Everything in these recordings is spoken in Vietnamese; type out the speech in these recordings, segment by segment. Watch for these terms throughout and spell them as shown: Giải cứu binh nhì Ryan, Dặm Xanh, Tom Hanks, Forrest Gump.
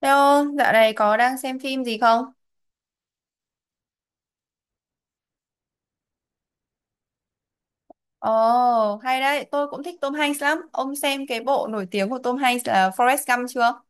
Theo dạo này có đang xem phim gì không? Ồ, oh, hay đấy, tôi cũng thích Tom Hanks lắm. Ông xem cái bộ nổi tiếng của Tom Hanks là Forrest Gump chưa?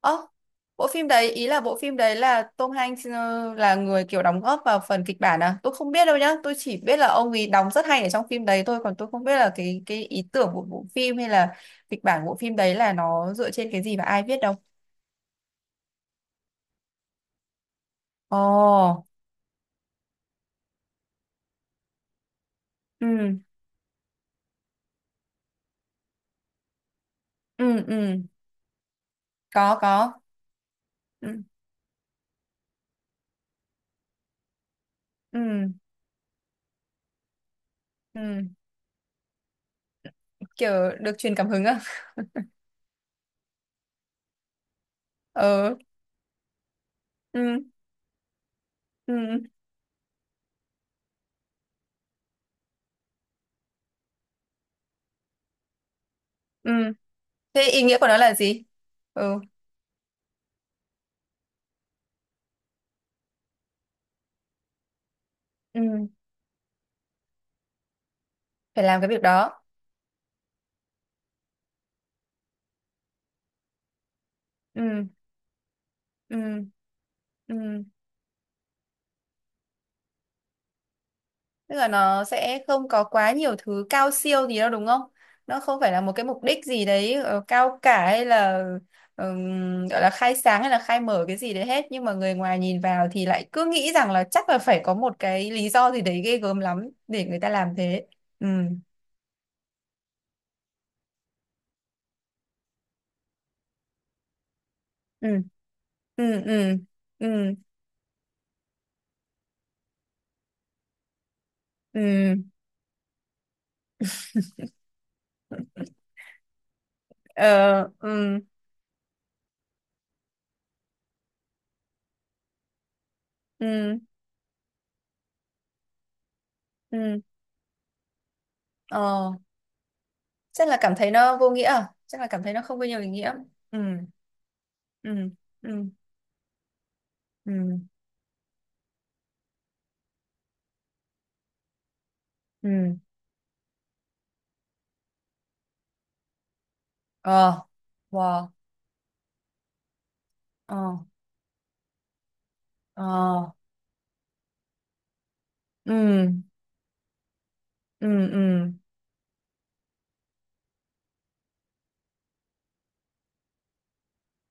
Ồ, bộ phim đấy, ý là bộ phim đấy là Tom Hanks là người kiểu đóng góp vào phần kịch bản à? Tôi không biết đâu nhá, tôi chỉ biết là ông ấy đóng rất hay ở trong phim đấy thôi, còn tôi không biết là cái ý tưởng của bộ phim hay là kịch bản của bộ phim đấy là nó dựa trên cái gì và ai viết đâu. Ồ, oh, ừ, ừ, ừ, có, ừ, ừ, ừ, kiểu được truyền cảm hứng à? Ờ, ừ, ừ, ừ, thế ý nghĩa của nó là gì? Ừ, ừ, phải làm cái việc đó. Ừ, ừ, ừ, tức là nó sẽ không có quá nhiều thứ cao siêu gì đâu đúng không? Nó không phải là một cái mục đích gì đấy cao cả hay là gọi là khai sáng hay là khai mở cái gì đấy hết, nhưng mà người ngoài nhìn vào thì lại cứ nghĩ rằng là chắc là phải có một cái lý do gì đấy ghê gớm lắm để người ta làm thế. Ừ, ừ, ừ, ừ, ừ, ừ, ờ, ừ, ừ, ừ, ờ, chắc là cảm thấy nó vô nghĩa à? Chắc là cảm thấy nó không có nhiều ý nghĩa. Ừ, ừ, ừ, ừ, ừ, ờ, wow. Ờ, ờ, ừ, ừ, ừ,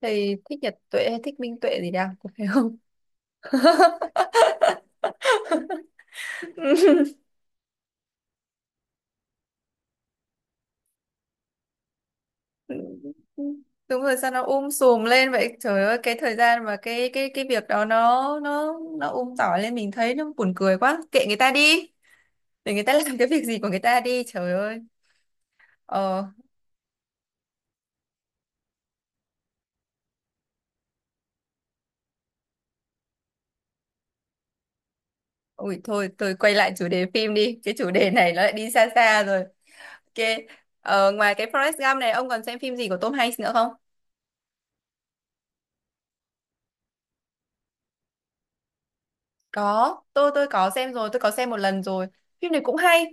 thầy thích Nhật Tuệ hay thích Minh Tuệ gì đang có phải không? Đúng rồi, sao nó sùm lên vậy trời ơi, cái thời gian và cái việc đó nó tỏi lên, mình thấy nó buồn cười quá, kệ người ta đi, để người ta làm cái việc gì của người ta đi trời ơi. Ờ. Ui thôi, tôi quay lại chủ đề phim đi, cái chủ đề này nó lại đi xa xa rồi. Ok. Ờ, ngoài cái Forrest Gump này, ông còn xem phim gì của Tom Hanks nữa không? Có, tôi có xem rồi, tôi có xem một lần rồi. Phim này cũng hay.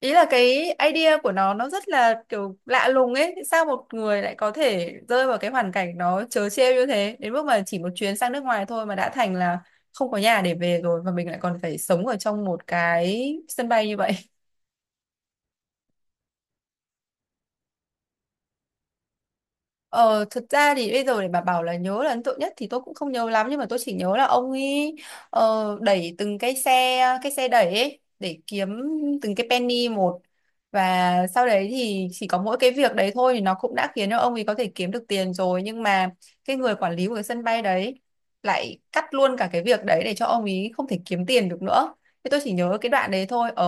Ý là cái idea của nó rất là kiểu lạ lùng ấy. Sao một người lại có thể rơi vào cái hoàn cảnh nó trớ trêu như thế, đến mức mà chỉ một chuyến sang nước ngoài thôi mà đã thành là không có nhà để về rồi, và mình lại còn phải sống ở trong một cái sân bay như vậy. Ờ, thực ra thì bây giờ để bà bảo là nhớ là ấn tượng nhất thì tôi cũng không nhớ lắm, nhưng mà tôi chỉ nhớ là ông ấy đẩy từng cái xe đẩy ấy để kiếm từng cái penny một, và sau đấy thì chỉ có mỗi cái việc đấy thôi thì nó cũng đã khiến cho ông ấy có thể kiếm được tiền rồi, nhưng mà cái người quản lý của cái sân bay đấy lại cắt luôn cả cái việc đấy để cho ông ấy không thể kiếm tiền được nữa. Thế tôi chỉ nhớ cái đoạn đấy thôi. Ờ,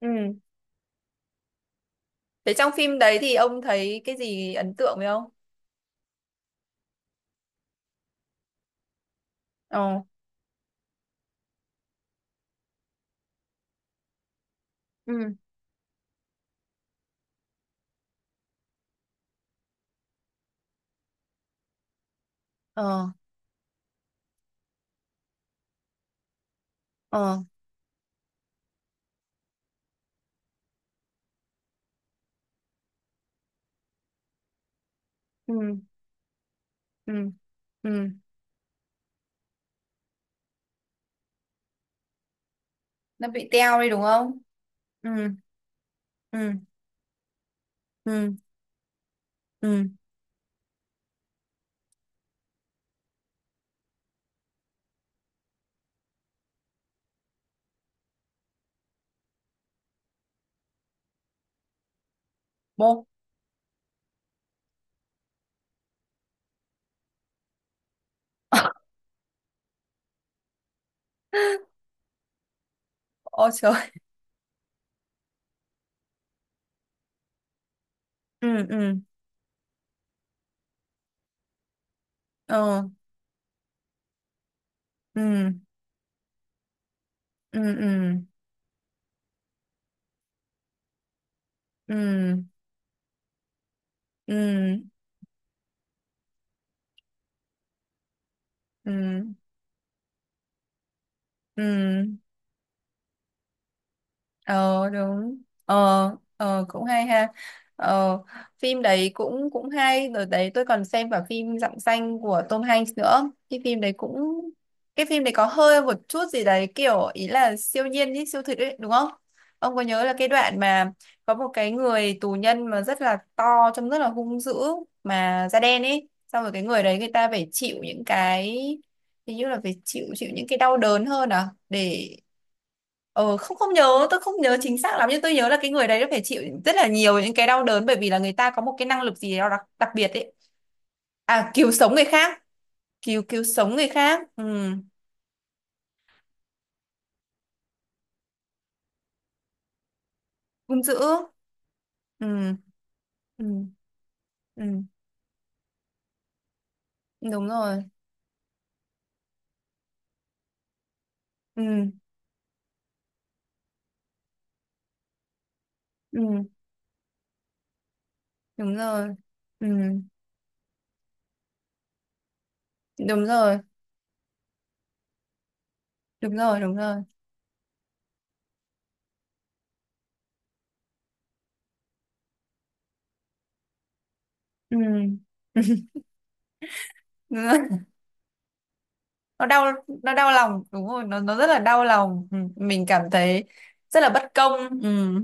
ừ, thế trong phim đấy thì ông thấy cái gì ấn tượng với ông? Ờ. Ừ. Ờ. Ờ, ừ, ừ, ừ, nó bị teo đi đúng không? Ừ, ừ, ừ, ừ, bố. Ôi trời. Ừ, ừ, ờ, ừ, ừ, ừ, ừ, ừ, ừ, ừ, ờ, đúng, ờ, ờ, cũng hay ha. Ờ, phim đấy cũng cũng hay rồi đấy. Tôi còn xem cả phim Dặm Xanh của Tom Hanks nữa, cái phim đấy có hơi một chút gì đấy kiểu ý là siêu nhiên ý, siêu thực ấy đúng không? Ông có nhớ là cái đoạn mà có một cái người tù nhân mà rất là to, trông rất là hung dữ, mà da đen ấy, xong rồi cái người đấy người ta phải chịu những cái, hình như là phải chịu chịu những cái đau đớn hơn à, để… Ờ, không, không nhớ, tôi không nhớ chính xác lắm, nhưng tôi nhớ là cái người đấy đã phải chịu rất là nhiều những cái đau đớn, bởi vì là người ta có một cái năng lực gì đó đặc biệt ấy. À, cứu sống người khác, cứu cứu sống người khác. Ừ. Hung dữ. Ừ. Ừ. Ừ. Đúng rồi. Ừ. Ừ. Đúng rồi. Ừ. Đúng rồi. Đúng rồi. Đúng rồi. Ừ. Đúng rồi. Nó đau. Nó đau lòng, đúng rồi, nó rất là đau lòng. Ừ, mình cảm thấy rất là bất công. Ừ.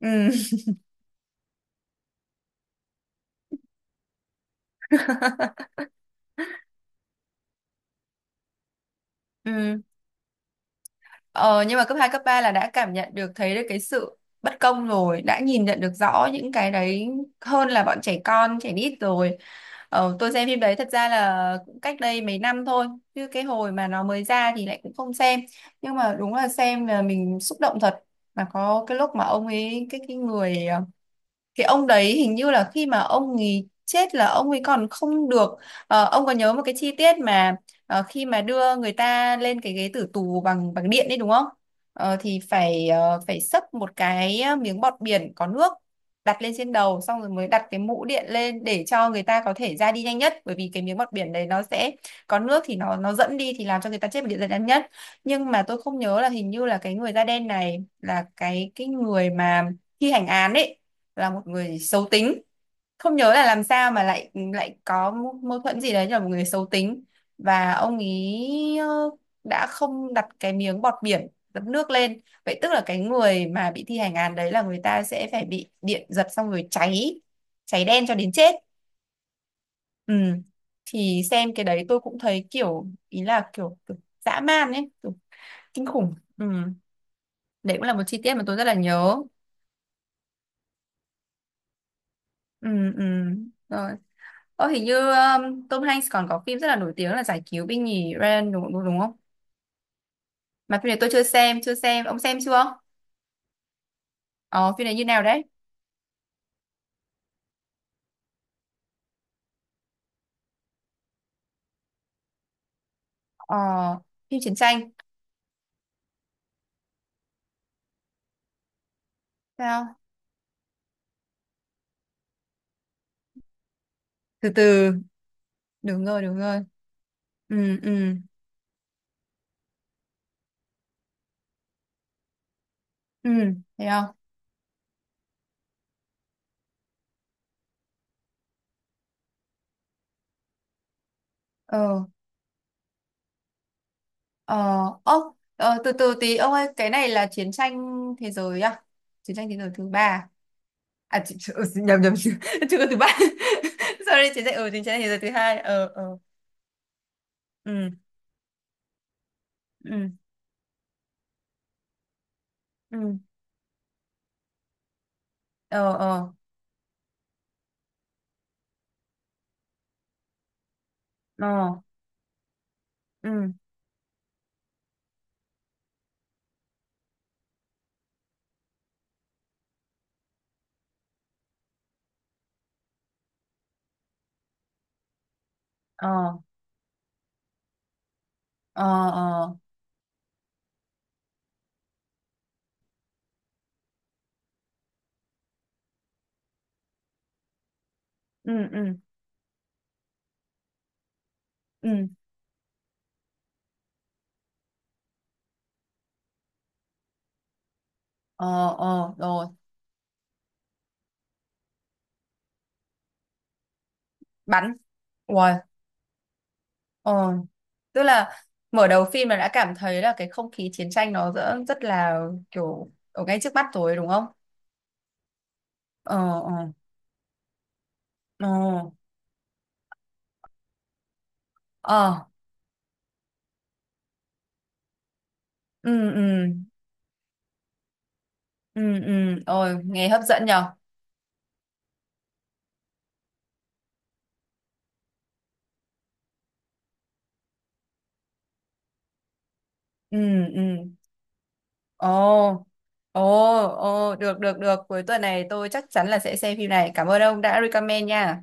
Ừ. Ừ. Ờ, nhưng mà cấp 2 cấp 3 là đã cảm nhận được, thấy được cái sự bất công rồi, đã nhìn nhận được rõ những cái đấy hơn là bọn trẻ con, trẻ nít rồi. Ờ, tôi xem phim đấy thật ra là cũng cách đây mấy năm thôi, chứ cái hồi mà nó mới ra thì lại cũng không xem. Nhưng mà đúng là xem là mình xúc động thật. Mà có cái lúc mà ông ấy, cái ông đấy, hình như là khi mà ông ấy chết là ông ấy còn không được… Ờ, ông có nhớ một cái chi tiết mà khi mà đưa người ta lên cái ghế tử tù bằng bằng điện đấy đúng không? Ờ, thì phải, phải xấp một cái miếng bọt biển có nước đặt lên trên đầu, xong rồi mới đặt cái mũ điện lên để cho người ta có thể ra đi nhanh nhất, bởi vì cái miếng bọt biển đấy nó sẽ có nước thì nó dẫn đi thì làm cho người ta chết một điện nhanh nhất. Nhưng mà tôi không nhớ là, hình như là cái người da đen này là cái người mà thi hành án ấy là một người xấu tính. Không nhớ là làm sao mà lại lại có mâu mâu thuẫn gì đấy, như là một người xấu tính, và ông ý đã không đặt cái miếng bọt biển dập nước lên. Vậy tức là cái người mà bị thi hành án đấy là người ta sẽ phải bị điện giật xong rồi cháy, cháy đen cho đến chết. Ừ. Thì xem cái đấy tôi cũng thấy kiểu ý là kiểu dã man ấy, kiểu kinh khủng. Ừ. Đấy cũng là một chi tiết mà tôi rất là nhớ. Ừ, ừ. Rồi. Ờ, hình như Tom Hanks còn có phim rất là nổi tiếng là Giải Cứu Binh Nhì Ryan đúng, đúng, đúng không? Mà phim này tôi chưa xem, chưa xem. Ông xem chưa? Ờ, phim này như nào đấy? Ờ, phim chiến tranh. Sao? Từ từ. Đúng rồi, đúng rồi. Ừ, ừ, ừ. Thấy không? Ờ, ờ, ốc. Ờ, từ từ tí. Ông ơi, cái này là chiến tranh thế giới à? Chiến tranh thế giới thứ ba à? À, chị, ừ, nhầm nhầm chưa, chưa có thứ ba. Sorry chiến tranh, ừ, chiến tranh thế giới thứ hai. Ờ, ờ, ừ, ừ, ừ, ờ, ờ, ờ, ừ, ờ, ờ, ờ, ừ, ừ, ừ, ờ, ờ, rồi, bắn. Uầy, ờ, tức là mở đầu phim là đã cảm thấy là cái không khí chiến tranh nó rất, rất là kiểu ở ngay trước mắt rồi đúng không? Ờ, ờ, ờ, ờ, ừ, ừ, ừ, ừ, ôi nghe hấp dẫn nhở. Ừ, ừ, ồ, ồ, ồ, được, được, được, cuối tuần này tôi chắc chắn là sẽ xem phim này. Cảm ơn ông đã recommend nha.